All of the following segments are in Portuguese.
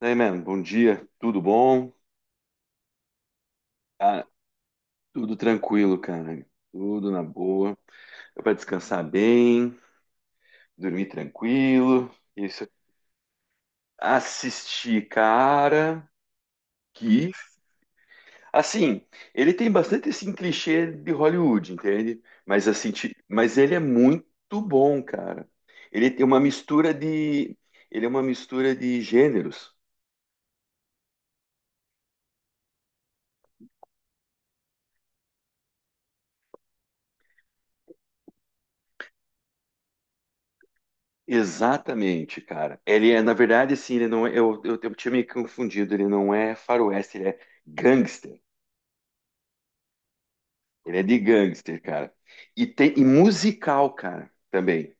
Daí, mano, bom dia, tudo bom? Cara, tudo tranquilo, cara, tudo na boa. Deu pra descansar bem, dormir tranquilo, isso. Assisti, cara, que... Assim, ele tem bastante esse clichê de Hollywood, entende? Mas, assim, mas ele é muito bom, cara. Ele tem uma mistura de... Ele é uma mistura de gêneros. Exatamente, cara. Ele é, na verdade, assim, ele não é. Eu tinha me confundido, ele não é faroeste, ele é gangster. Ele é de gangster, cara. E tem e musical, cara, também.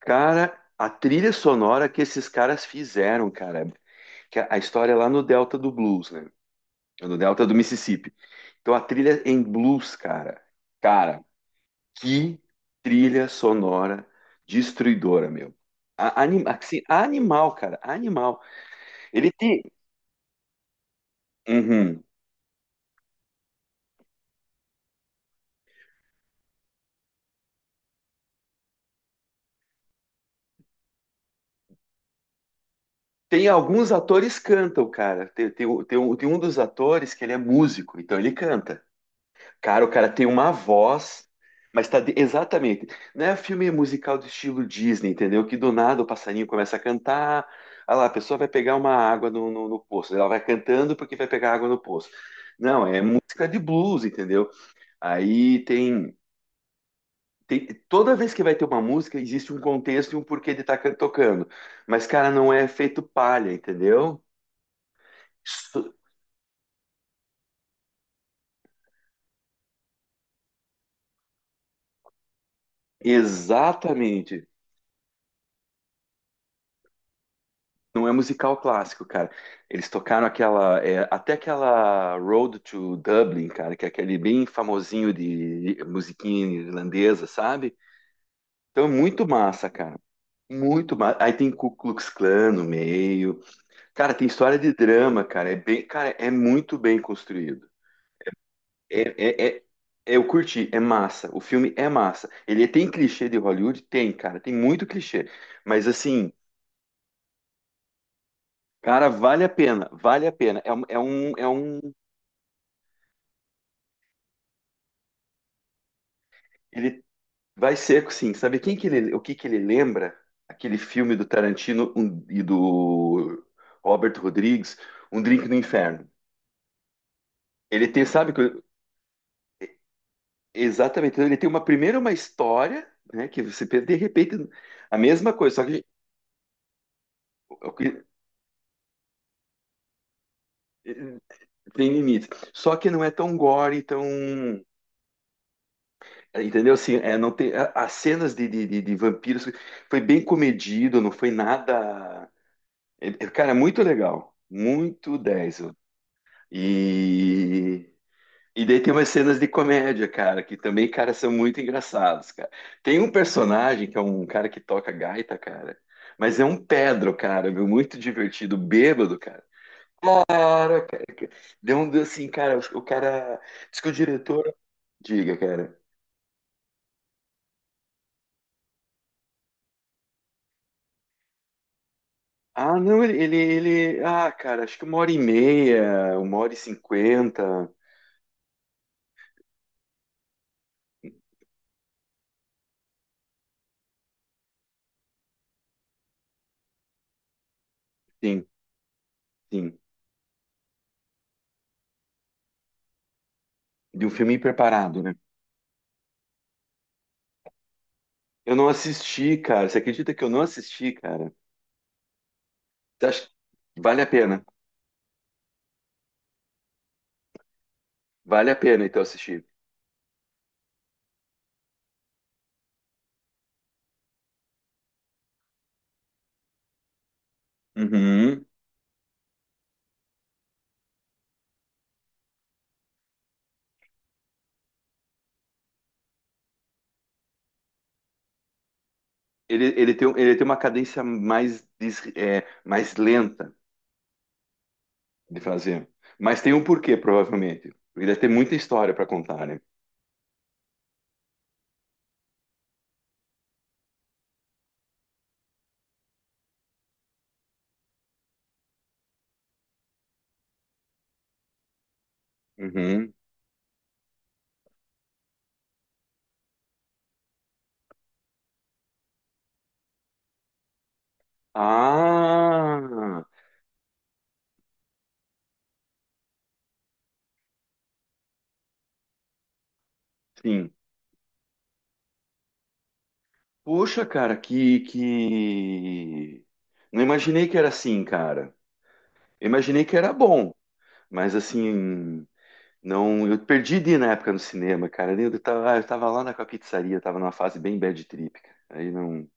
Cara, a trilha sonora que esses caras fizeram, cara, que a história é lá no Delta do Blues, né? É no Delta do Mississippi. Então a trilha em blues, cara. Cara, que trilha sonora destruidora, meu. Assim, animal, cara, animal. Ele tem, uhum. Tem alguns atores que cantam, cara. Tem um dos atores que ele é músico, então ele canta. Cara, o cara tem uma voz, mas exatamente. Não é filme musical do estilo Disney, entendeu? Que do nada o passarinho começa a cantar. Ah lá, a pessoa vai pegar uma água no poço. Ela vai cantando porque vai pegar água no poço. Não, é música de blues, entendeu? Aí tem. Tem, toda vez que vai ter uma música, existe um contexto e um porquê de estar tocando. Mas, cara, não é feito palha, entendeu? Isso- Exatamente. Não é musical clássico, cara. Eles tocaram aquela, é, até aquela Road to Dublin, cara, que é aquele bem famosinho de musiquinha irlandesa, sabe? Então é muito massa, cara. Muito massa. Aí tem Ku Klux Klan no meio. Cara, tem história de drama, cara. É bem, cara, é muito bem construído. É, é, é- eu curti, é massa. O filme é massa. Ele tem clichê de Hollywood? Tem, cara. Tem muito clichê. Mas assim. Cara, vale a pena, vale a pena. Ele vai seco, sim. Sabe quem que ele, o que que ele lembra? Aquele filme do Tarantino e do Robert Rodrigues, Um Drink no Inferno. Ele tem, sabe, exatamente. Então, ele tem uma primeira uma história, né, que você pensa, de repente a mesma coisa, só que, o que- tem limite. Só que não é tão gore, tão, entendeu? Assim, é, não tem a- as cenas de, de vampiros foi bem comedido, não foi nada. Cara, é muito legal. Muito 10 ó. E. E daí tem umas cenas de comédia, cara, que também, cara, são muito engraçados, cara. Tem um personagem que é um cara que toca gaita, cara, mas é um Pedro, cara, meu, muito divertido, bêbado, cara. Cara, cara, cara. Deu um assim, cara, o cara, diz que o diretor, diga, cara. Ah, não, cara, acho que uma hora e meia, uma hora e cinquenta, sim, sim, de um filme preparado, né? Eu não assisti, cara. Você acredita que eu não assisti, cara? Você acha que vale a pena? Vale a pena, então, assistir. Uhum. Ele tem, ele tem uma cadência mais, mais lenta de fazer. Mas tem um porquê, provavelmente. Porque deve ter muita história para contar, né? Uhum. Ah, sim. Poxa, cara, não imaginei que era assim, cara. Eu imaginei que era bom, mas assim... Não, eu perdi de ir na época no cinema, cara. Eu tava lá na com a pizzaria, tava numa fase bem bad trip, cara. Aí não,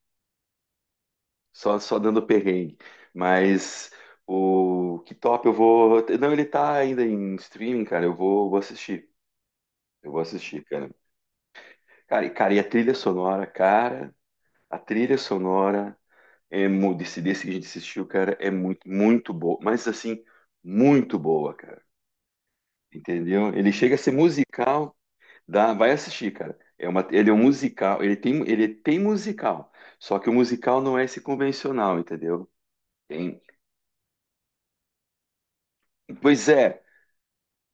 só dando perrengue. Mas o que top eu vou, não, ele tá ainda em streaming, cara. Eu vou assistir. Eu vou assistir, cara. Cara, e, cara, e a trilha sonora, cara, a trilha sonora desse desse que a gente assistiu, cara, é muito boa, mas assim, muito boa, cara. Entendeu? Ele chega a ser musical. Dá, vai assistir, cara. É uma, ele é um musical, ele tem musical, só que o musical não é esse convencional, entendeu? Tem- Pois é,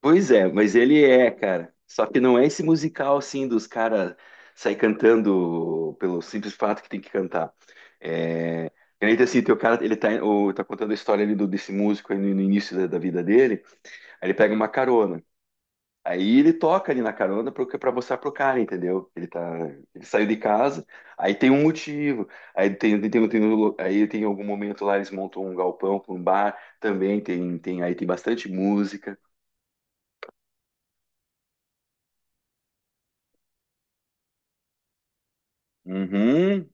pois é, mas ele é, cara. Só que não é esse musical assim dos caras sair cantando pelo simples fato que tem que cantar. É, é assim, tem o cara, tá contando a história ali desse músico aí no início da vida dele, aí ele pega uma carona. Aí ele toca ali na carona pra, mostrar pro cara, entendeu? Ele tá, ele saiu de casa, aí tem um motivo, aí tem um aí tem algum momento lá eles montam um galpão com um bar, também tem, aí tem bastante música. Uhum.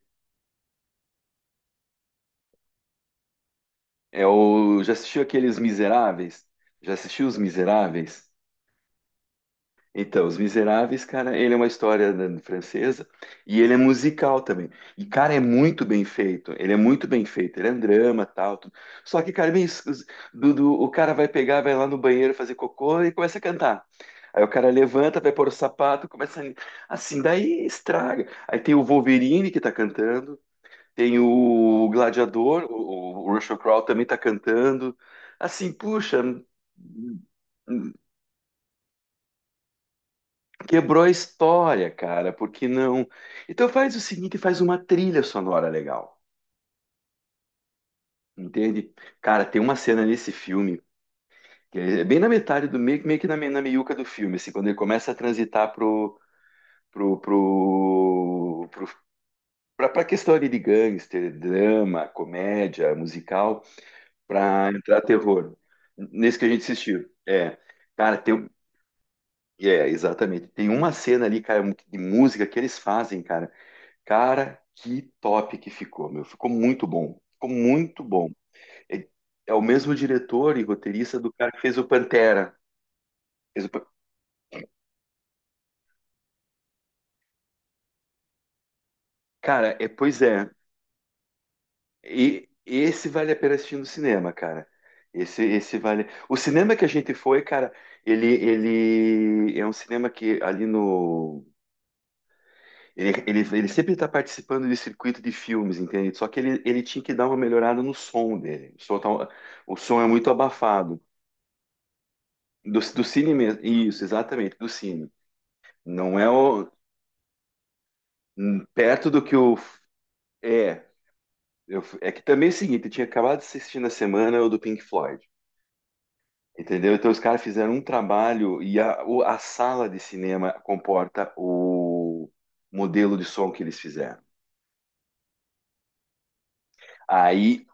É o, já assistiu aqueles Miseráveis? Já assistiu Os Miseráveis? Então, Os Miseráveis, cara, ele é uma história né, francesa e ele é musical também. E, cara, é muito bem feito. Ele é muito bem feito. Ele é um drama, tal. Tudo. Só que, cara, é bem es- os- do, do- o cara vai pegar, vai lá no banheiro fazer cocô e começa a cantar. Aí o cara levanta, vai pôr o sapato, começa a... assim, daí estraga. Aí tem o Wolverine que tá cantando, tem o Gladiador, o Russell Crowe também tá cantando. Assim, puxa, quebrou a história, cara, porque não. Então faz o seguinte, faz uma trilha sonora legal, entende? Cara, tem uma cena nesse filme, que é bem na metade do meio, meio que na, na meiuca do filme, assim, quando ele começa a transitar pro, pro, pro, pra questão ali de gangster, drama, comédia, musical, pra entrar terror. Nesse que a gente assistiu. É, cara, tem. É, exatamente. Tem uma cena ali, cara, de música que eles fazem, cara. Cara, que top que ficou, meu. Ficou muito bom. Ficou muito bom. É, é o mesmo diretor e roteirista do cara que fez o Pantera. Fez o Pan- Cara, é, pois é. E esse vale a pena assistir no cinema, cara. Esse vale. O cinema que a gente foi, cara, ele é um cinema que ali no. Ele sempre está participando de circuito de filmes, entende? Só que ele tinha que dar uma melhorada no som dele. O som é muito abafado. Do Cine mesmo. Isso, exatamente, do Cine. Não é o. Perto do que o. É. É que também é o seguinte, eu tinha acabado de assistir na semana o do Pink Floyd. Entendeu? Então os caras fizeram um trabalho e a sala de cinema comporta o modelo de som que eles fizeram. Aí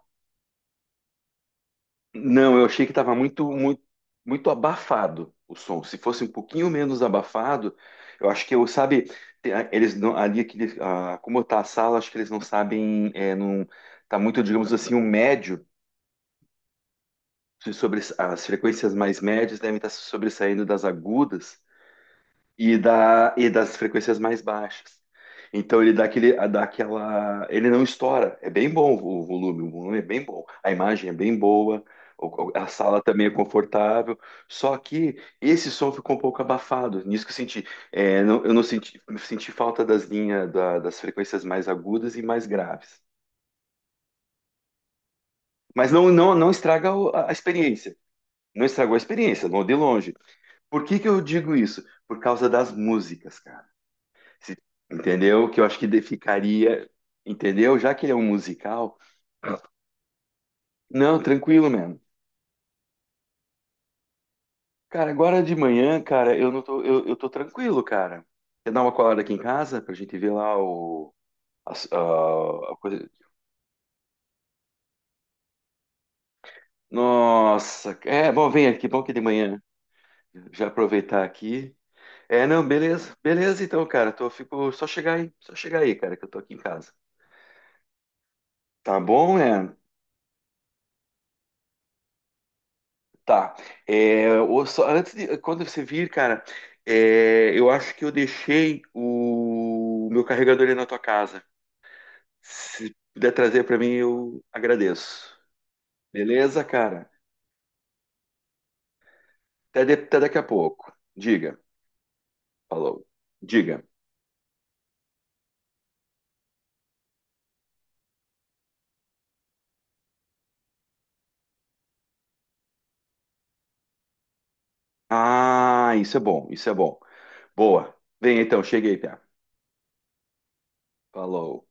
não, eu achei que estava muito abafado o som. Se fosse um pouquinho menos abafado, eu acho que eu, sabe, eles não, ali é que ah, como tá a sala, acho que eles não sabem, é, não tá muito, digamos assim, o médio se sobre as frequências mais médias devem estar se sobressaindo das agudas e, e das frequências mais baixas. Então ele dá aquele, dá aquela, ele não estoura. É bem bom o volume é bem bom, a imagem é bem boa, a sala também é confortável. Só que esse som ficou um pouco abafado. Nisso que eu senti, eu não senti, senti falta das frequências mais agudas e mais graves. Mas não estraga a experiência. Não estragou a experiência, não de longe. Por que que eu digo isso? Por causa das músicas, cara. Se- Entendeu? Que eu acho que ficaria. Entendeu? Já que ele é um musical. Não, tranquilo, mano. Cara, agora de manhã, cara, eu não tô. Eu tô tranquilo, cara. Quer dar uma colada aqui em casa pra gente ver lá o. A coisa- Nossa, é bom, vem aqui, bom que de manhã. Já aproveitar aqui. É, não, beleza, beleza então, cara. Tô, fico, só chegar aí, cara, que eu tô aqui em casa. Tá bom, né? Tá. É, só antes de, quando você vir, cara, é, eu acho que eu deixei o meu carregador aí na tua casa. Se puder trazer para mim, eu agradeço. Beleza, cara? Até, até daqui a pouco. Diga. Falou. Diga. Ah, isso é bom, isso é bom. Boa. Vem então, cheguei, Pia. Falou.